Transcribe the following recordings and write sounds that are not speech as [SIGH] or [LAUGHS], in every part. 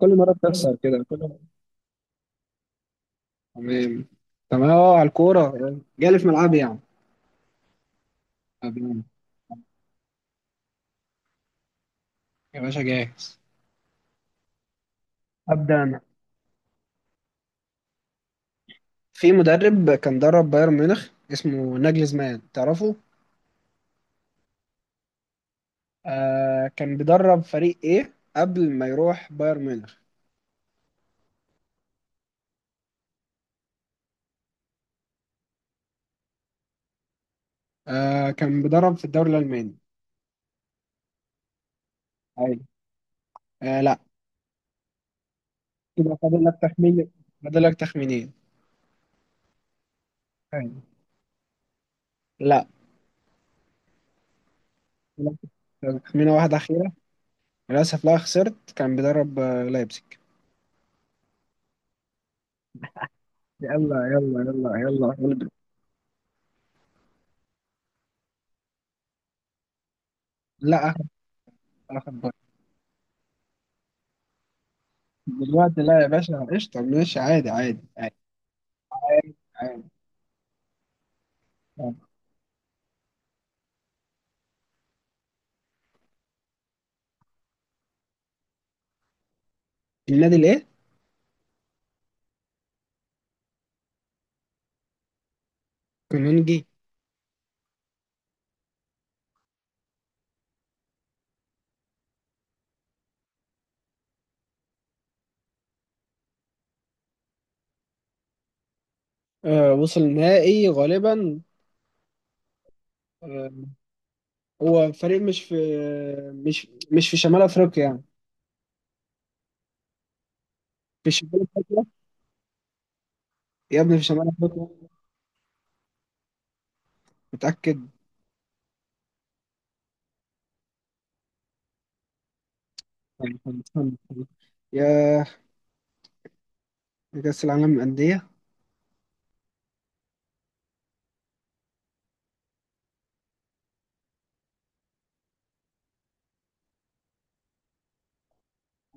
كل مرة بتخسر كده كل مرة. تمام. تمام اه على الكورة. جالي في ملعبي يعني. أبدأ أنا. يا باشا جاهز. أبدأ أنا. في مدرب كان درب بايرن ميونخ اسمه ناجلزمان، تعرفه؟ آه كان بيدرب فريق إيه قبل ما يروح بايرن ميونخ؟ آه كان بيدرب في الدوري الألماني. أيوة. آه لا. كده فاضل لك تخمين. فاضل لك تخمينين. أيوة. لا. تخمينة واحدة أخيرة. للأسف لا، خسرت. كان بيدرب لايبزيج. يلا يلا. يلا يلا. لا اخد. اخد بالي. دلوقتي لا يا باشا، قشطه ماشي، عادي عادي عادي. عادي عادي. عادي. النادي الايه؟ كونونجي. آه وصل نهائي غالبا. آه. هو فريق مش مش في شمال افريقيا يعني. في شمال افريقيا. يا ابني في شمال افريقيا. متأكد. يعني كان- كان- كان- يا كأس العالم للأندية.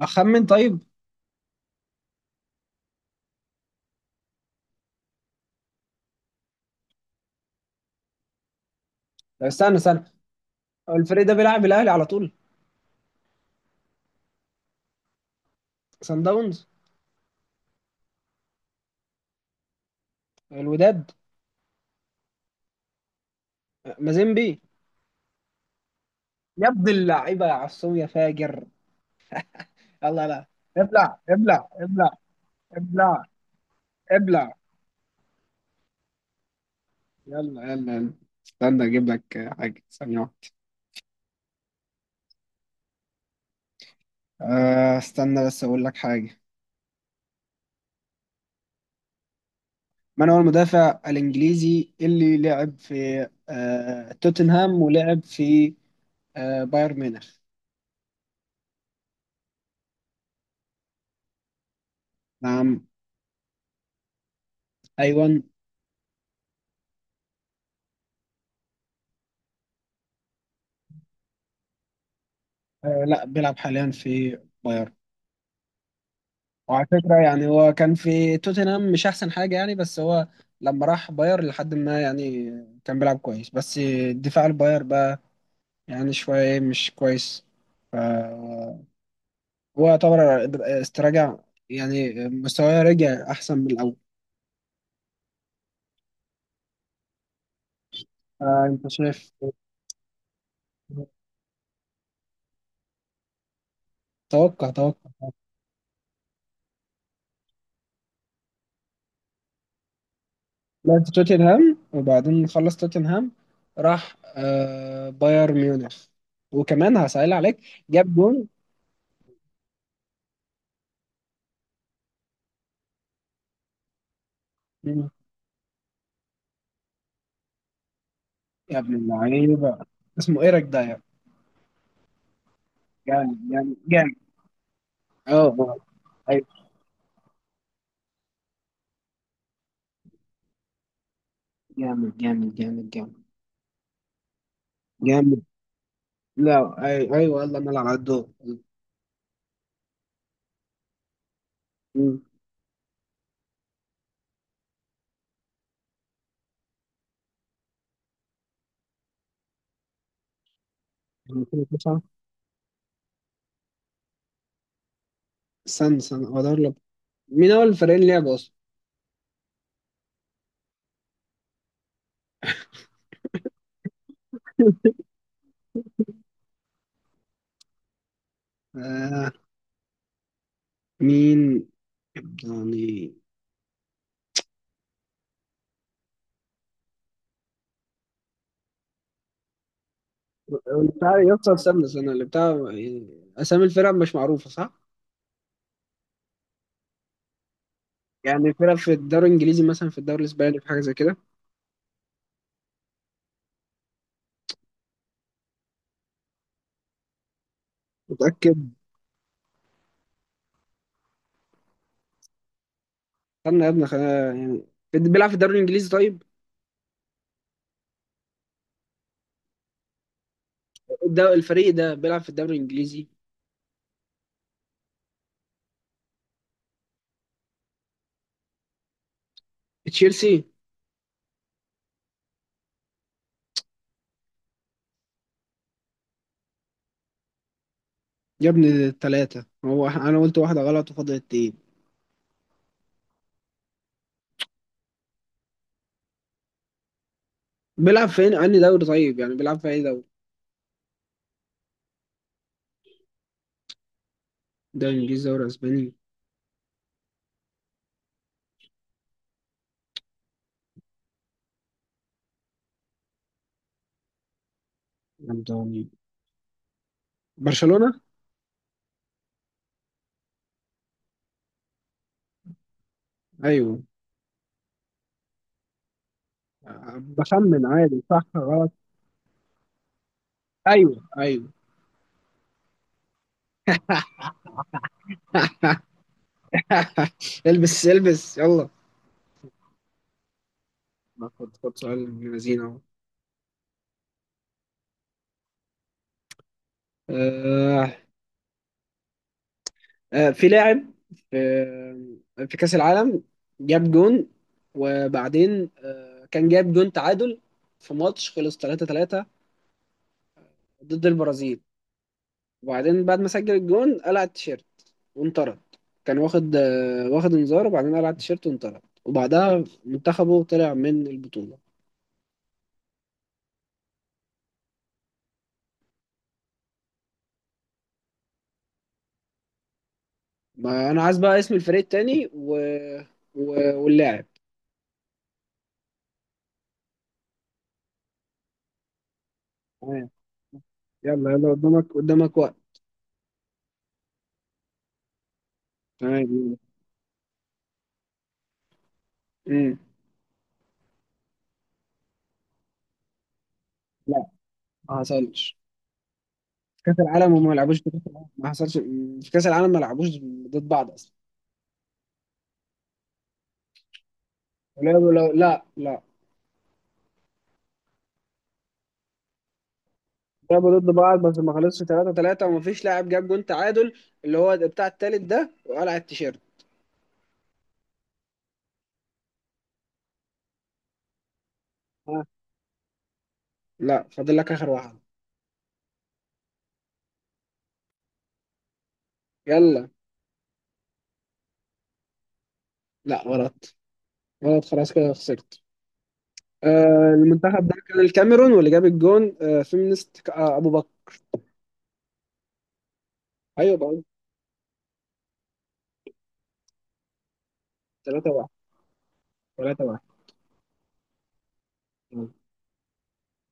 أخمن طيب. استنى استنى. هو الفريق ده بيلعب الأهلي على طول. سان داونز. الوداد. مازيمبي. يا ابن اللعيبة يا عصام يا فاجر. يلا لا. ابلع ابلع ابلع. ابلع. ابلع. يلا يلا يلا. استنى اجيب لك حاجة ثانية واحدة. استنى بس اقول لك حاجة. من هو المدافع الانجليزي اللي لعب في توتنهام، ولعب في بايرن ميونخ؟ نعم. ايوه. لا بيلعب حاليا في بايرن. وعلى فكرة يعني هو كان في توتنهام مش احسن حاجة يعني، بس هو لما راح باير لحد ما يعني كان بيلعب كويس، بس دفاع الباير بقى، يعني شوية إيه مش كويس. ف- هو يعتبر استرجع، يعني مستواه رجع أحسن من الأول. فأنت شايف. توقع توقع. لعب في توتنهام، وبعدين خلص توتنهام، راح بايرن ميونخ. وكمان هسأل عليك جاب جون. مم. يا ابن اللعيبة. اسمه إيريك داير. جامد جامد جامد. اه. آه. أيوة. جامد جامد جامد جامد. جامد. لا ايوه، يلا نلعب على الدور. مم. سان هو ده اللي... مين أول فريقين لعبوا أصلا؟ آه. مين يعني؟ بتاع يسطا، استنى استنى اللي بتاع. أسامي الفرق مش معروفة صح؟ يعني فرق في الدوري الإنجليزي مثلا، في الدوري الإسباني، في حاجة زي كده. متأكد. استنى يا ابني خلينا يعني. بيلعب في الدوري الإنجليزي طيب. ده الفريق ده بيلعب في الدوري الإنجليزي. تشيلسي. يا ابني التلاتة هو، أنا قلت واحدة غلط وفاضل اتنين. بيلعب فين أنهي دوري طيب، يعني بيلعب في أي دوري؟ دوري إنجليزي دوري أسباني يعني. برشلونة؟ ايوه. بخمن عادي صح غلط. ايوه ايوه. البس البس يلا. ما خد خد سؤال ابن لذينه اهو. آه، في لاعب في في كأس العالم جاب جون. وبعدين كان جاب جون تعادل، في ماتش خلص 3-3 ضد البرازيل. وبعدين بعد ما سجل الجون قلع التيشيرت وانطرد. كان واخد انذار، وبعدين قلع التيشيرت وانطرد، وبعدها منتخبه طلع من البطولة. ما انا عايز بقى اسم الفريق التاني و... واللاعب. تمام يلا. يلا قدامك قدامك وقت. تمام يلا. امم لا ما حصلش في كاس العالم، وما لعبوش في كاس العالم. ما حصلش في كاس العالم، ما لعبوش ضد بعض اصلا. ولعبوا لا لا لعبوا ضد بعض، بس ما خلصش 3-3، وما فيش لاعب جاب جون تعادل، اللي هو بتاع التالت ده وقلع التيشيرت. ها. لا فاضل لك اخر واحد. يلا. لا غلط. غلط خلاص، كده خسرت. المنتخب ده كان الكاميرون، واللي جاب الجون فيمينيست ابو بكر. ايوه بقول 3-1. 3-1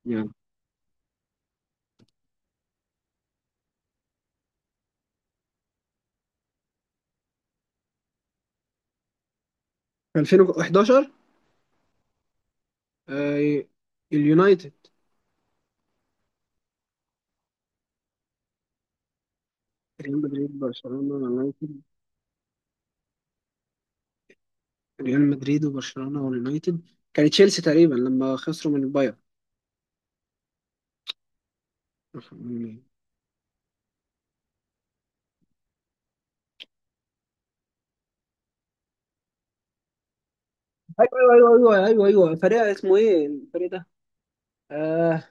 يعني. 2011. آه اليونايتد. ريال مدريد برشلونة اليونايتد. ريال مدريد وبرشلونة واليونايتد. كان تشيلسي تقريبا لما خسروا من البايرن. ايوه ايوه ايوه ايوه ايوه. فريق اسمه ايه الفريق ده؟ آه.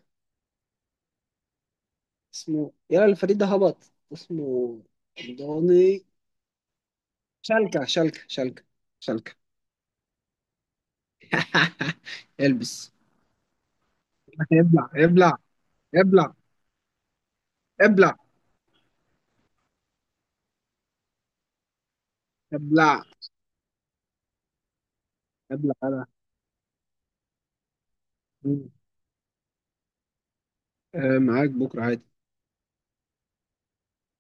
اسمه يلا، الفريق ده هبط اسمه. دوني. شالكة شالكة شالكة. شالكة. [LAUGHS] البس. هيبلع هيبلع هيبلع. هيبلع. هيبلع. هيبلع انا. مم. آه معاك بكره عادي